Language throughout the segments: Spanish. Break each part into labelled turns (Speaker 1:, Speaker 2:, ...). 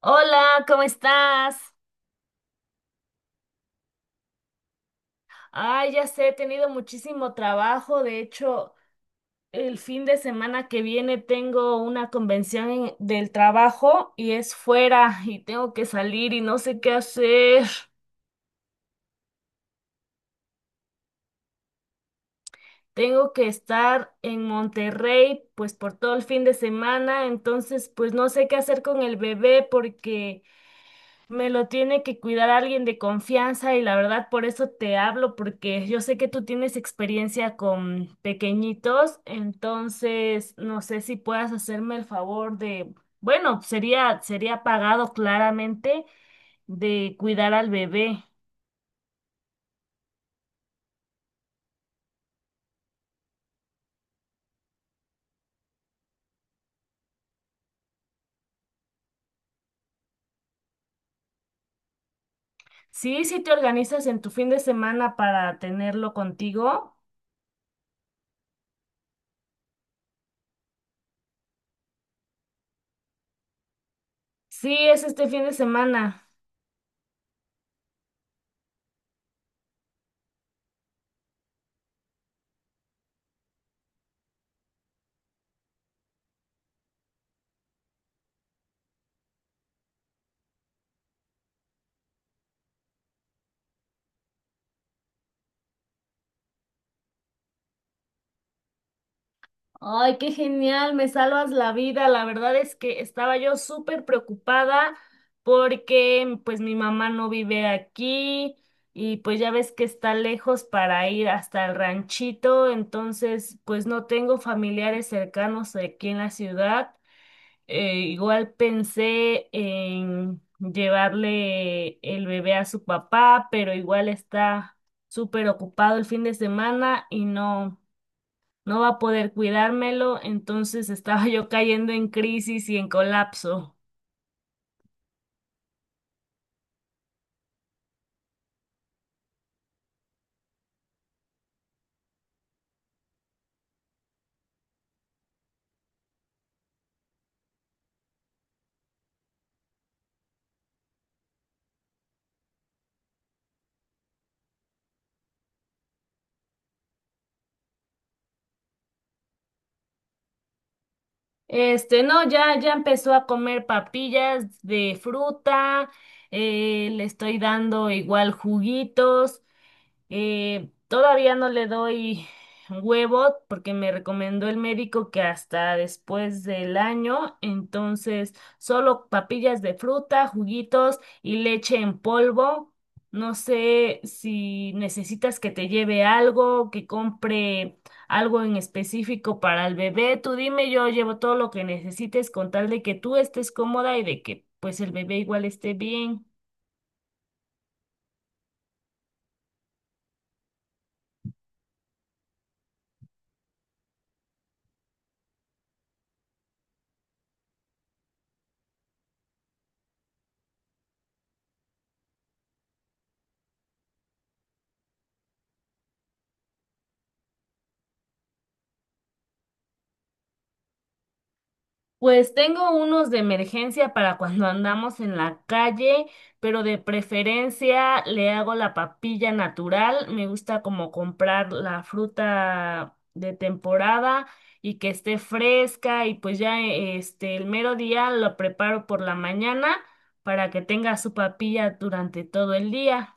Speaker 1: Hola, ¿cómo estás? Ay, ya sé, he tenido muchísimo trabajo. De hecho, el fin de semana que viene tengo una convención del trabajo y es fuera y tengo que salir y no sé qué hacer. Tengo que estar en Monterrey pues por todo el fin de semana, entonces pues no sé qué hacer con el bebé porque me lo tiene que cuidar alguien de confianza y la verdad por eso te hablo, porque yo sé que tú tienes experiencia con pequeñitos, entonces no sé si puedas hacerme el favor de, bueno, sería pagado claramente, de cuidar al bebé. Sí, si te organizas en tu fin de semana para tenerlo contigo. Sí, es este fin de semana. Ay, qué genial, me salvas la vida. La verdad es que estaba yo súper preocupada porque pues mi mamá no vive aquí y pues ya ves que está lejos para ir hasta el ranchito, entonces pues no tengo familiares cercanos aquí en la ciudad. Igual pensé en llevarle el bebé a su papá, pero igual está súper ocupado el fin de semana y no va a poder cuidármelo, entonces estaba yo cayendo en crisis y en colapso. No, ya empezó a comer papillas de fruta, le estoy dando igual juguitos. Todavía no le doy huevo porque me recomendó el médico que hasta después del año, entonces solo papillas de fruta, juguitos y leche en polvo. No sé si necesitas que te lleve algo, que compre algo en específico para el bebé. Tú dime, yo llevo todo lo que necesites con tal de que tú estés cómoda y de que pues el bebé igual esté bien. Pues tengo unos de emergencia para cuando andamos en la calle, pero de preferencia le hago la papilla natural. Me gusta como comprar la fruta de temporada y que esté fresca y pues ya el mero día lo preparo por la mañana para que tenga su papilla durante todo el día.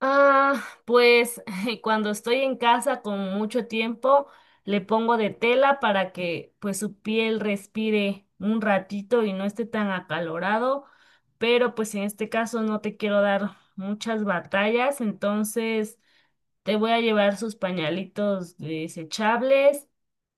Speaker 1: Ah, pues cuando estoy en casa con mucho tiempo, le pongo de tela para que pues su piel respire un ratito y no esté tan acalorado, pero pues en este caso no te quiero dar muchas batallas, entonces te voy a llevar sus pañalitos desechables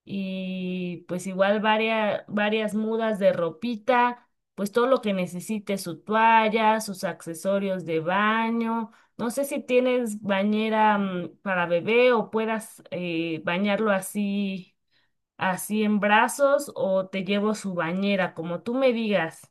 Speaker 1: y pues igual varias, varias mudas de ropita, pues todo lo que necesite, su toalla, sus accesorios de baño. No sé si tienes bañera para bebé o puedas bañarlo así, así en brazos o te llevo su bañera, como tú me digas.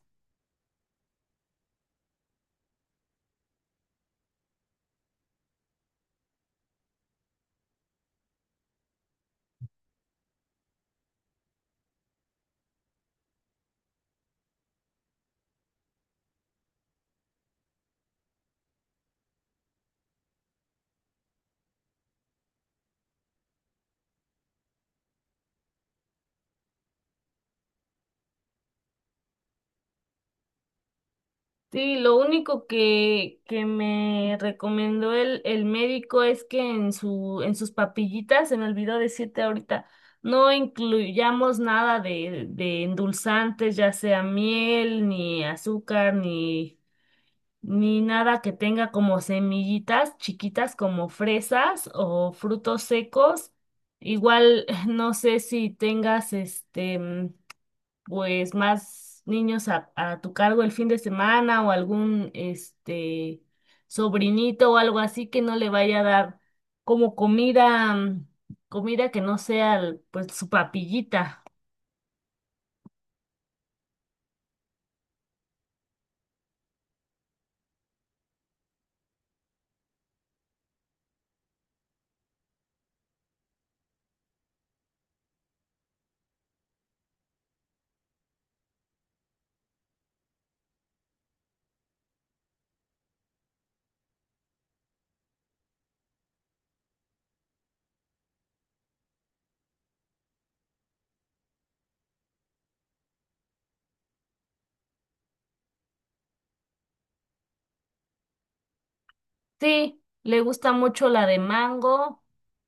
Speaker 1: Sí, lo único que me recomendó el médico es que en sus papillitas, se me olvidó decirte ahorita, no incluyamos nada de endulzantes, ya sea miel, ni azúcar, ni nada que tenga como semillitas chiquitas como fresas o frutos secos. Igual, no sé si tengas pues más niños a tu cargo el fin de semana o algún sobrinito o algo así que no le vaya a dar como comida que no sea pues su papillita. Sí, le gusta mucho la de mango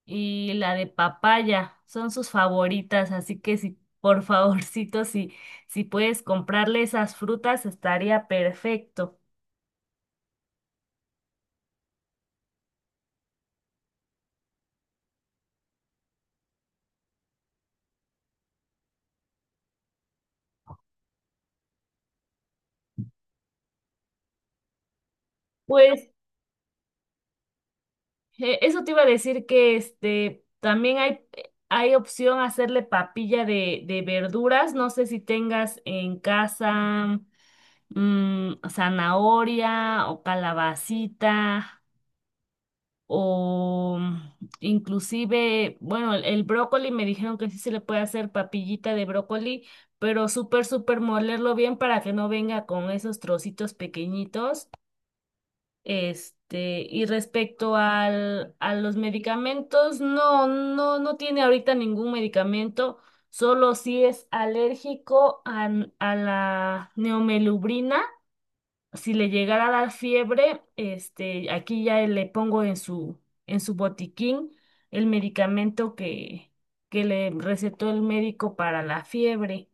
Speaker 1: y la de papaya, son sus favoritas, así que si por favorcito, si puedes comprarle esas frutas, estaría perfecto. Pues, eso te iba a decir que este también hay opción hacerle papilla de verduras. No sé si tengas en casa zanahoria o calabacita o inclusive, bueno, el brócoli me dijeron que sí se le puede hacer papillita de brócoli, pero súper, súper molerlo bien para que no venga con esos trocitos pequeñitos. Y respecto a los medicamentos, no, no, no tiene ahorita ningún medicamento, solo si es alérgico a la neomelubrina. Si le llegara a dar fiebre, aquí ya le pongo en su botiquín el medicamento que le recetó el médico para la fiebre.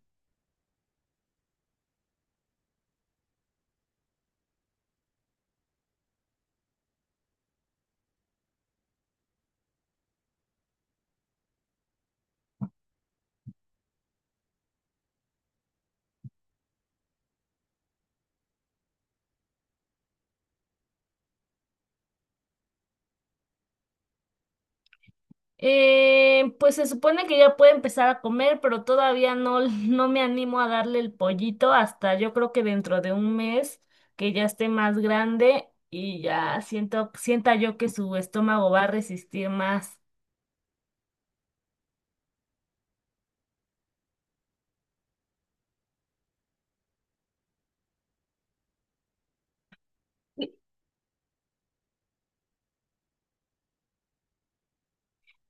Speaker 1: Pues se supone que ya puede empezar a comer, pero todavía no, no me animo a darle el pollito hasta yo creo que dentro de un mes, que ya esté más grande y ya sienta yo que su estómago va a resistir más.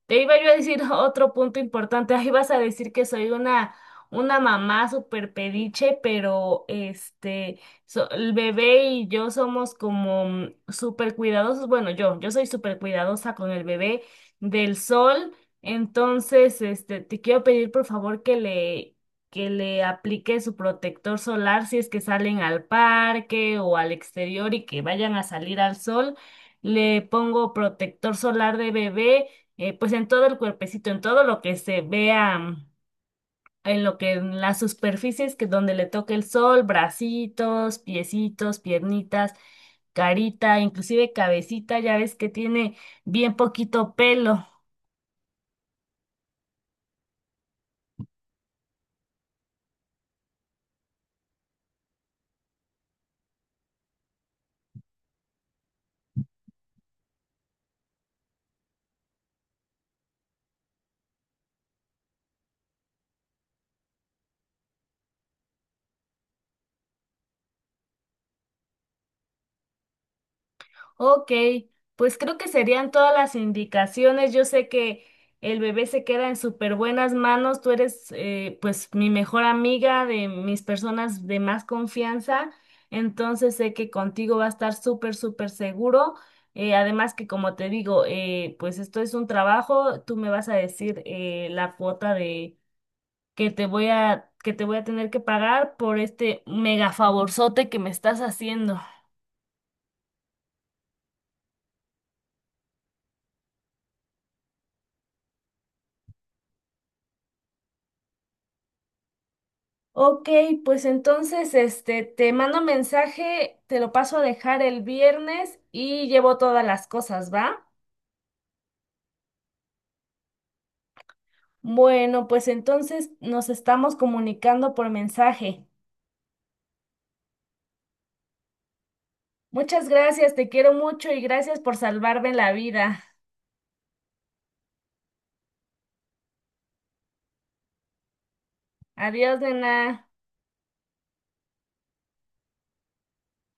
Speaker 1: Te iba yo a decir otro punto importante. Ahí vas a decir que soy una mamá súper pediche, pero el bebé y yo somos como súper cuidadosos. Bueno, yo soy súper cuidadosa con el bebé del sol. Entonces, te quiero pedir por favor que le aplique su protector solar si es que salen al parque o al exterior y que vayan a salir al sol. Le pongo protector solar de bebé, pues en todo el cuerpecito, en todo lo que se vea, en lo que, en las superficies que donde le toque el sol, bracitos, piecitos, piernitas, carita, inclusive cabecita, ya ves que tiene bien poquito pelo. Ok, pues creo que serían todas las indicaciones. Yo sé que el bebé se queda en súper buenas manos. Tú eres, pues mi mejor amiga, de mis personas de más confianza. Entonces sé que contigo va a estar súper, súper seguro. Además que como te digo, pues esto es un trabajo. Tú me vas a decir, la cuota de que te voy a, que te voy a tener que pagar por este mega favorzote que me estás haciendo. Ok, pues entonces te mando mensaje, te lo paso a dejar el viernes y llevo todas las cosas, ¿va? Bueno, pues entonces nos estamos comunicando por mensaje. Muchas gracias, te quiero mucho y gracias por salvarme la vida. Adiós, nena.